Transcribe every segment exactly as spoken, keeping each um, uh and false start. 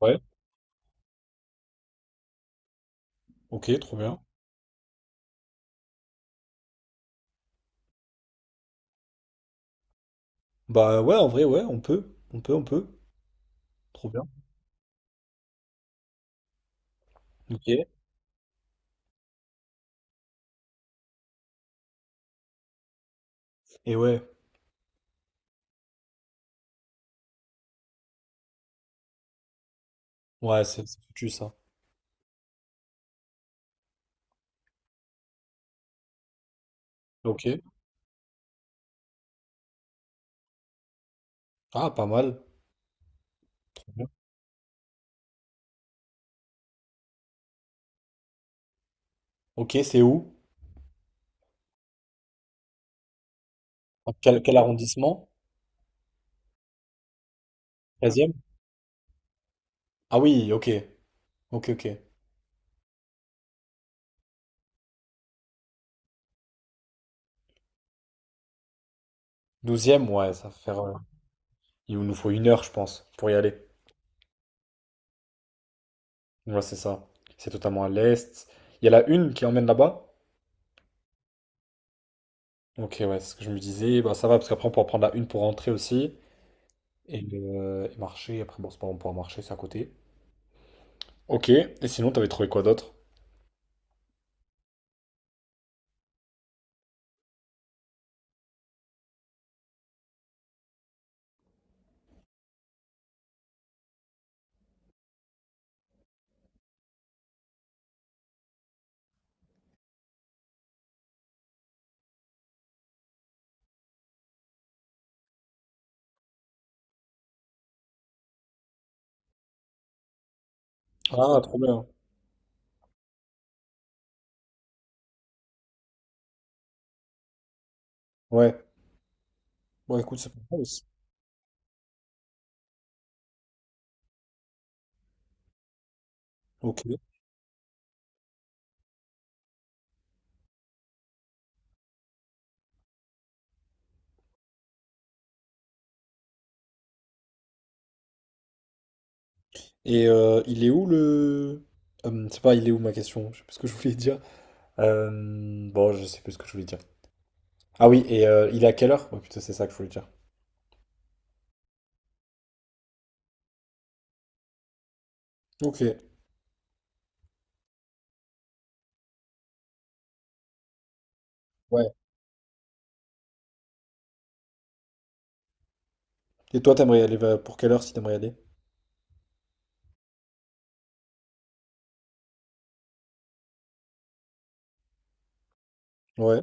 Ouais, ok, trop bien. Bah ouais, en vrai, ouais, on peut. On peut, on peut. Trop bien. Ok. Et ouais, ouais, c'est c'est foutu ça. Ok. Ah, pas mal. Mhm. Ok, c'est où? Quel, quel arrondissement? treize. Ah oui, ok. Ok, ok. Douzième, ouais, ça va faire. euh, Il nous faut une heure, je pense, pour y aller. Ouais, c'est ça. C'est totalement à l'est. Il y a la une qui emmène là-bas? Ok, ouais, c'est ce que je me disais. Bah ça va, parce qu'après, on pourra prendre la une pour rentrer aussi. Et, euh, et marcher. Après, bon, c'est pas bon, on pourra marcher, c'est à côté. Ok, et sinon, t'avais trouvé quoi d'autre? Ah, trop bien. Ouais. Bon, écoute, c'est pas mal aussi. Ok. Et euh, il est où le... Hum, c'est pas il est où ma question, je sais plus ce que je voulais dire. Euh, bon, je sais plus ce que je voulais dire. Ah oui, et euh, il est à quelle heure? Ouais, putain, c'est ça que je voulais dire. Ok, ouais. Et toi, t'aimerais y aller vers- pour quelle heure si t'aimerais y aller? Ouais,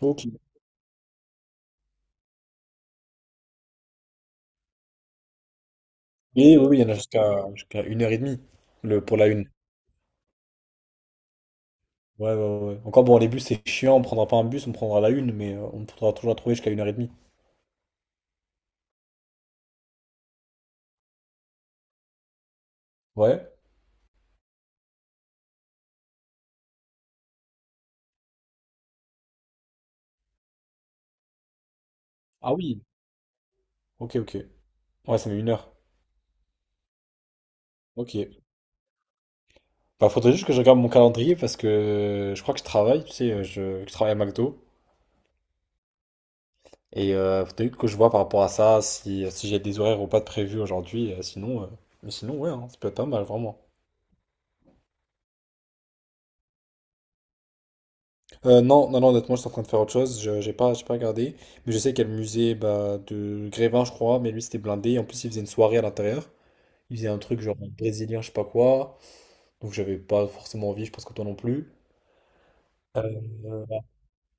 ok. Et oui, oui, il y en a jusqu'à jusqu'à une heure et demie le, pour la une. Ouais, ouais, ouais. Encore bon, les bus, c'est chiant, on prendra pas un bus, on prendra la une, mais euh, on pourra toujours la trouver jusqu'à une heure et demie. Ouais. Ah oui. Ok, ok. Ouais, ça met une heure. Ok. Bah, faudrait juste que je regarde mon calendrier parce que euh, je crois que je travaille, tu sais, euh, je, je travaille à McDo. Et euh, faudrait que je vois par rapport à ça si, si j'ai des horaires ou pas de prévus aujourd'hui. euh, sinon, euh, mais sinon, ouais, hein, ça peut être pas mal, vraiment. Euh, non, non, non, honnêtement, je suis en train de faire autre chose. Je, j'ai pas, j'ai pas regardé. Mais je sais qu'il y a le musée bah, de Grévin, je crois. Mais lui, c'était blindé. En plus, il faisait une soirée à l'intérieur. Il faisait un truc genre brésilien, je sais pas quoi. Donc, j'avais pas forcément envie, je pense que toi non plus. Euh,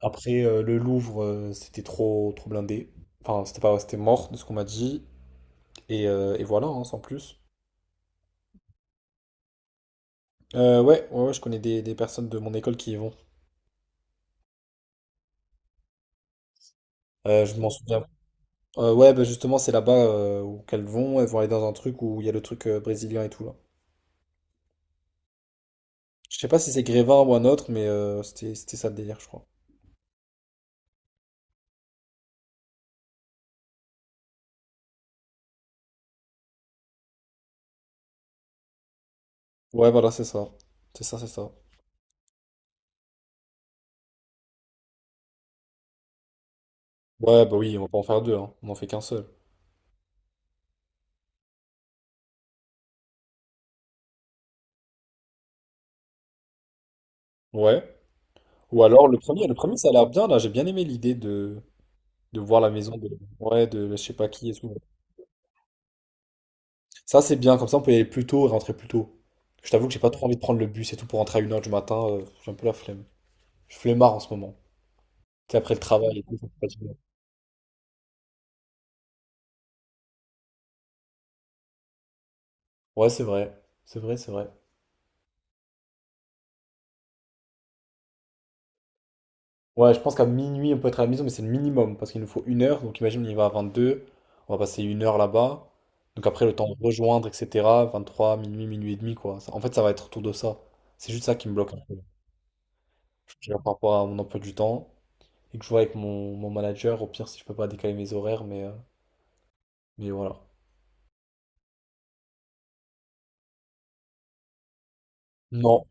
Après, euh, le Louvre, euh, c'était trop, trop blindé. Enfin, c'était pas, c'était mort de ce qu'on m'a dit. Et, euh, et voilà, hein, sans plus. Euh, ouais, ouais, ouais, je connais des, des personnes de mon école qui y vont. Euh, je m'en souviens. Euh, ouais, bah justement, c'est là-bas euh, où qu'elles vont. Elles vont aller dans un truc où il y a le truc euh, brésilien et tout, là. Je sais pas si c'est Grévin ou un autre, mais euh, c'était, c'était ça le délire, je crois. Ouais, voilà, c'est ça. C'est ça, c'est ça. Ouais, bah oui, on va pas en faire deux, hein. On en fait qu'un seul. Ouais. Ou alors le premier, le premier, ça a l'air bien, là. J'ai bien aimé l'idée de. De voir la maison de, ouais, de je sais pas qui et tout. Ça, c'est bien, comme ça, on peut y aller plus tôt et rentrer plus tôt. Je t'avoue que j'ai pas trop envie de prendre le bus et tout pour rentrer à une heure du matin. Euh, j'ai un peu la flemme. Je suis flemmard en ce moment. Tu sais, après le travail et tout, je suis fatigué. Ouais, c'est vrai. C'est vrai, c'est vrai. Ouais, je pense qu'à minuit, on peut être à la maison, mais c'est le minimum parce qu'il nous faut une heure. Donc imagine, on y va à vingt-deux. On va passer une heure là-bas. Donc après, le temps de rejoindre, et cetera vingt-trois, minuit, minuit et demi, quoi. Ça- En fait, ça va être autour de ça. C'est juste ça qui me bloque un peu. Je regarde par rapport à mon emploi du temps. Et que je vois avec mon, mon manager, au pire, si je peux pas décaler mes horaires, mais, euh, mais voilà. Non.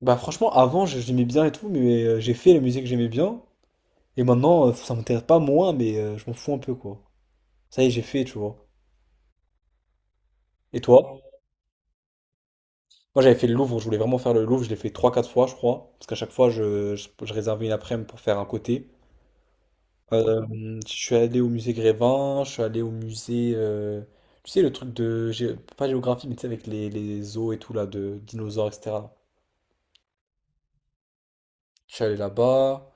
Bah franchement, avant, je- j'aimais bien et tout, mais euh, j'ai fait les musique que j'aimais bien, et maintenant, euh, ça m'intéresse pas moins, mais euh, je m'en fous un peu, quoi. Ça y est, j'ai fait, tu vois. Et toi? Moi, j'avais fait le Louvre, je voulais vraiment faire le Louvre, je l'ai fait trois quatre fois, je crois, parce qu'à chaque fois, je, je, je réservais une après-midi pour faire un côté. Euh, je suis allé au musée Grévin, je suis allé au musée... euh, tu sais, le truc de... gé- Pas géographie, mais tu sais, avec les, les os et tout, là, de dinosaures, et cetera. Je suis allé là-bas.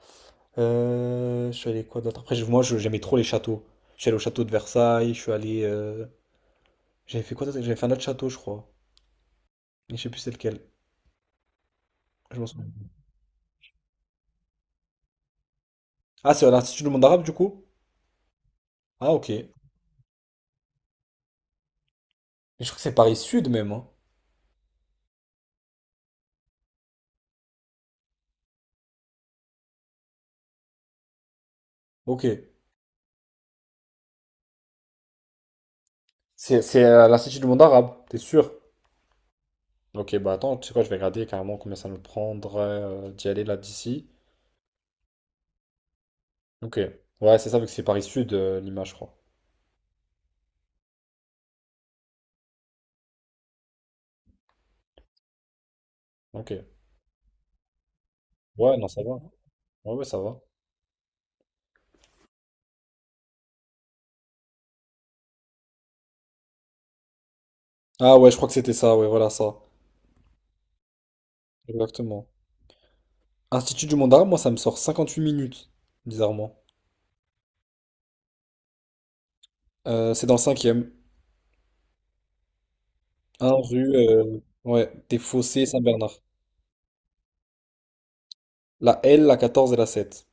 Euh, je suis allé quoi d'autre? Après, je- moi, je- j'aimais trop les châteaux. Je suis allé au château de Versailles. Je suis allé. euh, J'avais fait quoi d'autre? J'avais fait un autre château, je crois. Mais je sais plus c'est lequel. Je m'en souviens. Ah, c'est à l'Institut du monde arabe, du coup? Ah, ok. Mais je crois que c'est Paris Sud, même. Hein. Ok. C'est c'est à l'Institut du monde arabe, t'es sûr? Ok, bah attends, tu sais quoi, je vais regarder carrément combien ça me prendrait euh, d'y aller là d'ici. Ok. Ouais, c'est ça, vu que c'est Paris Sud, euh, l'image, je crois. Ok. Ouais, non, ça va. Ouais, ouais, ça va. Ah ouais, je crois que c'était ça, ouais, voilà ça. Exactement. Institut du Monde Arabe, moi ça me sort cinquante-huit minutes, bizarrement. Euh, c'est dans le cinquième. un rue, euh, ouais, des Fossés Saint-Bernard. La L, la quatorze et la sept.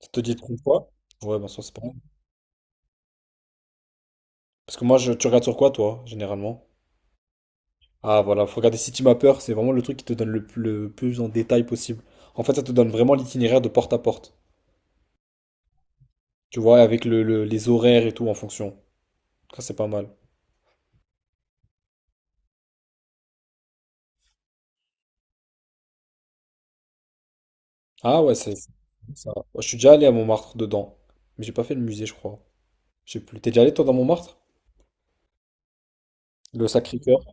Ça te dit trop fois. Ouais, ben ça c'est pas mal. Parce que moi, je, tu regardes sur quoi toi, généralement? Ah voilà, faut regarder City Mapper, c'est vraiment le truc qui te donne le, plus le plus en détail possible. En fait, ça te donne vraiment l'itinéraire de porte à porte. Tu vois, avec le, le- les horaires et tout en fonction. Ça c'est pas mal. Ah ouais, c'est c'est ça. Va. Je suis déjà allé à Montmartre dedans. Mais j'ai pas fait le musée, je crois. Je sais plus. T'es déjà allé toi dans Montmartre? Le Sacré-Cœur.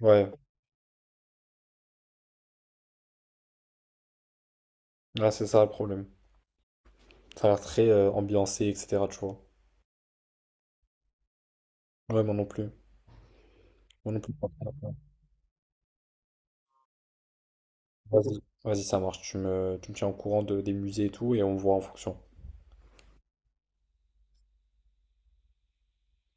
Ouais, là c'est ça le problème. Ça a l'air très euh, ambiancé, et cetera. Tu vois. Ouais, moi non plus. Moi non plus. Vas-y, vas-y, ça marche. Tu me, tu me tiens au courant de, des musées et tout, et on voit en fonction.